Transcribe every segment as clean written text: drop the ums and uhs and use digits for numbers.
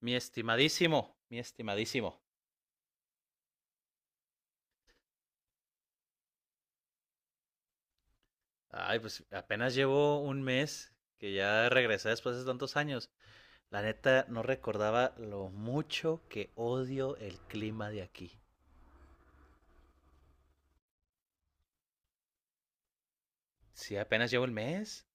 Mi estimadísimo, mi estimadísimo. Ay, pues apenas llevo un mes que ya regresé después de tantos años. La neta no recordaba lo mucho que odio el clima de aquí. Sí, apenas llevo el mes.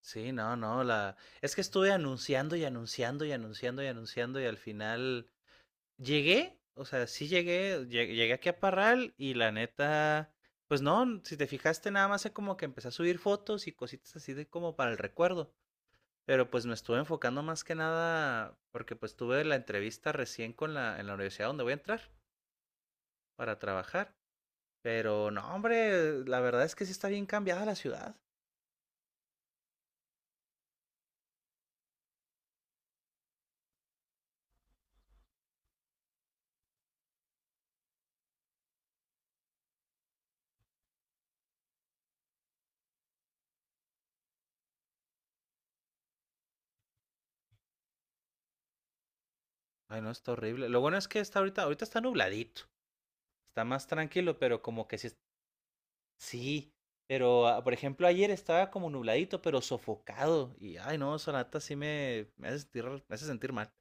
Sí, no, no, la es que estuve anunciando y anunciando y anunciando y anunciando y al final llegué, o sea, sí llegué, llegué aquí a Parral y la neta pues no, si te fijaste nada más es como que empecé a subir fotos y cositas así de como para el recuerdo. Pero, pues, me estuve enfocando más que nada porque, pues, tuve la entrevista recién con la en la universidad donde voy a entrar para trabajar. Pero no, hombre, la verdad es que sí está bien cambiada la ciudad. Ay, no, está horrible. Lo bueno es que está ahorita está nubladito. Está más tranquilo, pero como que sí, sí. Pero, ah, por ejemplo, ayer estaba como nubladito, pero sofocado. Y, ay, no, Sonata me hace sentir mal.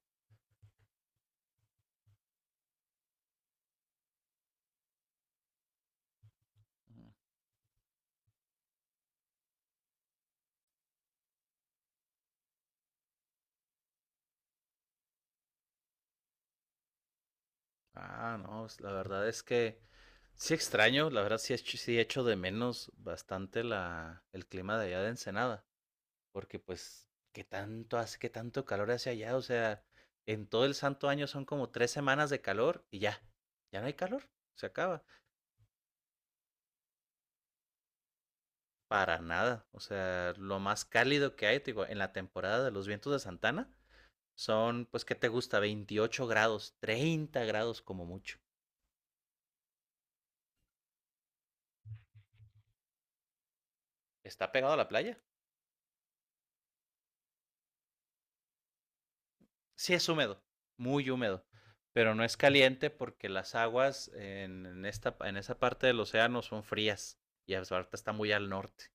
Ah, no, pues, la verdad es que sí extraño, la verdad sí, sí echo de menos bastante el clima de allá de Ensenada, porque pues, qué tanto calor hace allá? O sea, en todo el santo año son como tres semanas de calor y ya, ya no hay calor, se acaba, para nada, o sea, lo más cálido que hay, te digo, en la temporada de los vientos de Santana son, pues, ¿qué te gusta? 28 grados, 30 grados como mucho. Está pegado a la playa, sí es húmedo, muy húmedo, pero no es caliente porque las aguas en esta, en esa parte del océano son frías y ahorita está muy al norte.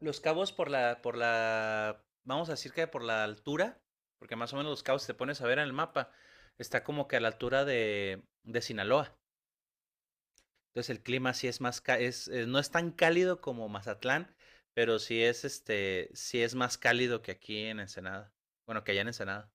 Los Cabos vamos a decir que por la altura, porque más o menos los Cabos, si te pones a ver en el mapa, está como que a la altura de Sinaloa. Entonces el clima sí es más, no es tan cálido como Mazatlán, pero sí es, este, sí es más cálido que aquí en Ensenada. Bueno, que allá en Ensenada.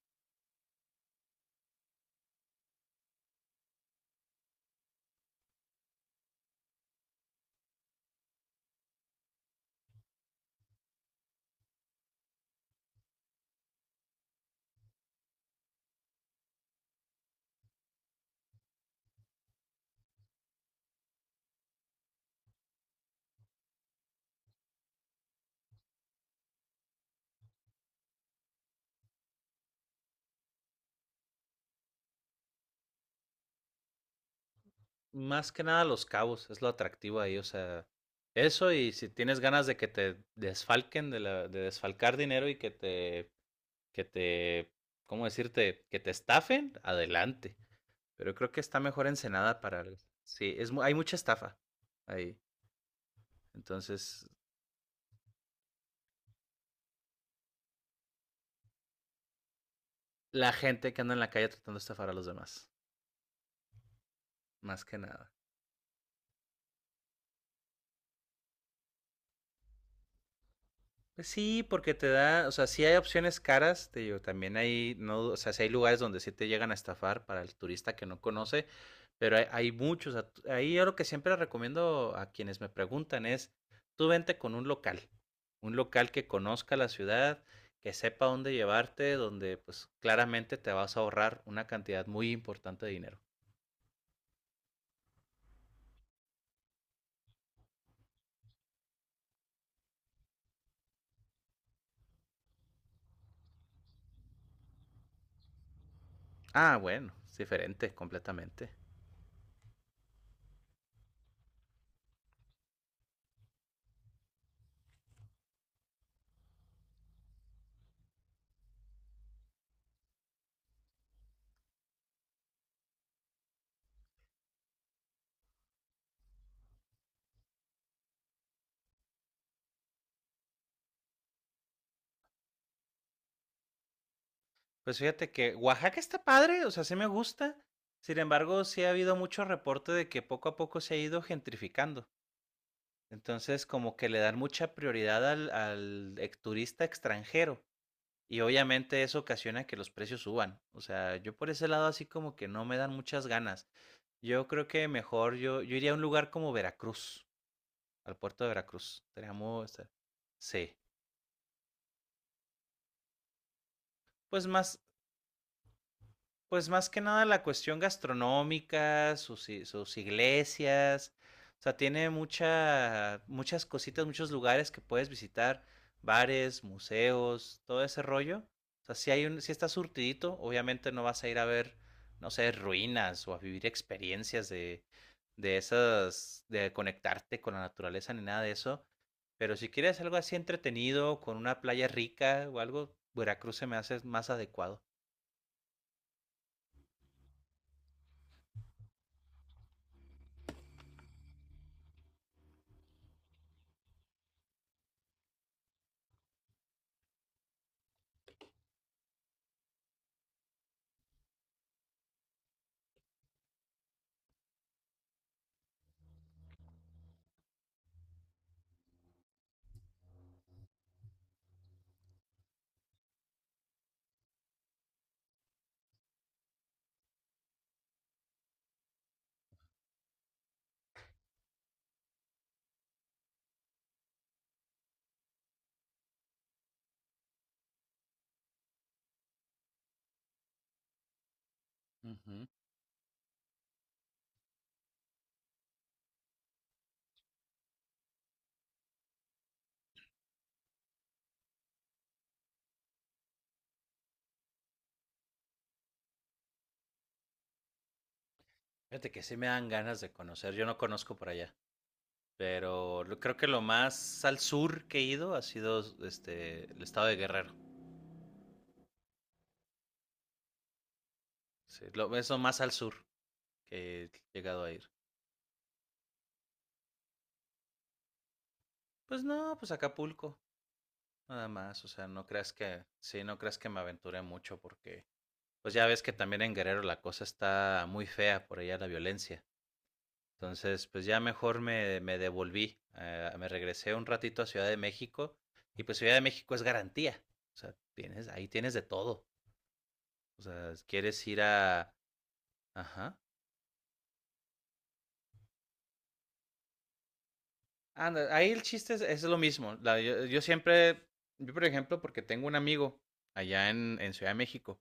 Más que nada Los Cabos, es lo atractivo ahí, o sea, eso y si tienes ganas de que te desfalquen, de desfalcar dinero y que que te, ¿cómo decirte? Que te estafen, adelante. Pero creo que está mejor Ensenada para... Sí, hay mucha estafa ahí. Entonces, la gente que anda en la calle tratando de estafar a los demás, más que nada. Pues sí, porque te da, o sea, sí hay opciones caras, te digo, también hay, no, o sea, sí hay lugares donde sí te llegan a estafar para el turista que no conoce, pero hay muchos. Ahí yo lo que siempre recomiendo a quienes me preguntan es, tú vente con un local que conozca la ciudad, que sepa dónde llevarte, donde pues claramente te vas a ahorrar una cantidad muy importante de dinero. Ah, bueno, es diferente completamente. Pues fíjate que Oaxaca está padre, o sea, sí me gusta. Sin embargo, sí ha habido mucho reporte de que poco a poco se ha ido gentrificando. Entonces, como que le dan mucha prioridad turista extranjero. Y obviamente eso ocasiona que los precios suban. O sea, yo por ese lado así como que no me dan muchas ganas. Yo creo que mejor yo iría a un lugar como Veracruz, al puerto de Veracruz. Sería muy... o sea, sí. Pues más, Pues más que nada la cuestión gastronómica, sus iglesias, o sea, tiene muchas cositas, muchos lugares que puedes visitar, bares, museos, todo ese rollo. O sea, si hay un, si está surtidito, obviamente no vas a ir a ver, no sé, ruinas o a vivir experiencias de esas, de conectarte con la naturaleza ni nada de eso. Pero si quieres algo así entretenido, con una playa rica o algo, Veracruz se me hace más adecuado. Fíjate que sí me dan ganas de conocer. Yo no conozco por allá, pero creo que lo más al sur que he ido ha sido este el estado de Guerrero. Sí, es lo más al sur que he llegado a ir. Pues no, pues Acapulco, nada más. O sea, no creas que, sí, no creas que me aventuré mucho porque, pues ya ves que también en Guerrero la cosa está muy fea por allá la violencia. Entonces, pues ya mejor me devolví, me regresé un ratito a Ciudad de México y pues Ciudad de México es garantía. O sea, tienes, ahí tienes de todo. O sea, quieres ir a... Ajá. Anda, ahí el chiste es lo mismo. Yo siempre, yo por ejemplo, porque tengo un amigo allá en Ciudad de México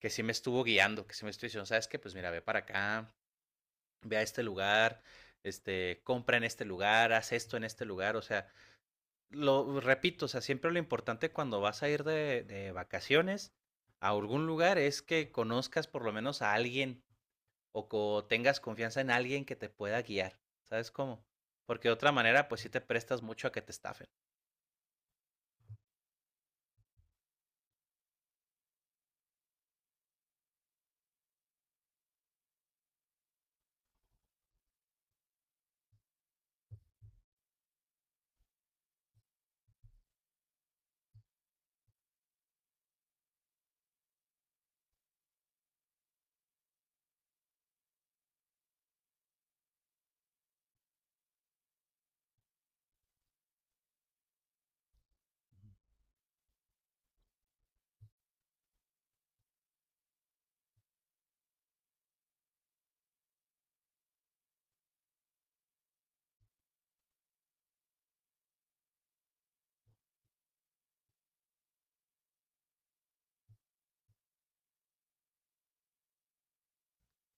que sí me estuvo guiando, que sí me estuvo diciendo, ¿sabes qué? Pues mira, ve para acá, ve a este lugar, este, compra en este lugar, haz esto en este lugar. O sea, lo repito, o sea, siempre lo importante cuando vas a ir de vacaciones a algún lugar es que conozcas por lo menos a alguien tengas confianza en alguien que te pueda guiar. ¿Sabes cómo? Porque de otra manera, pues sí te prestas mucho a que te estafen.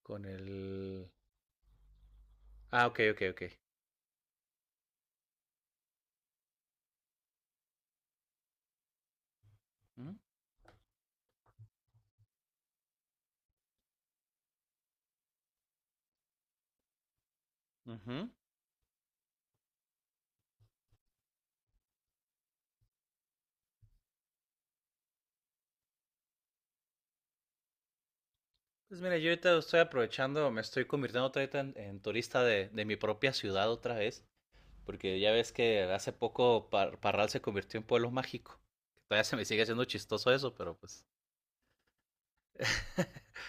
Con el... Ah, ok, ok, ok. Mm, ujú. Pues mira, yo ahorita estoy aprovechando, me estoy convirtiendo otra vez en turista de mi propia ciudad otra vez. Porque ya ves que hace poco Parral se convirtió en pueblo mágico. Todavía se me sigue haciendo chistoso eso, pero pues.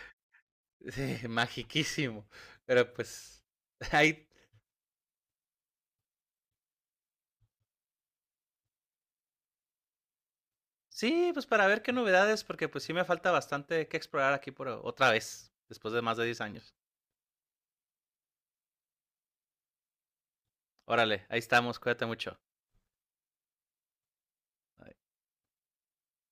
Sí, magiquísimo. Pero pues. Ahí. Sí, pues para ver qué novedades, porque pues sí me falta bastante que explorar aquí por otra vez, después de más de 10 años. Órale, ahí estamos, cuídate mucho. Bye.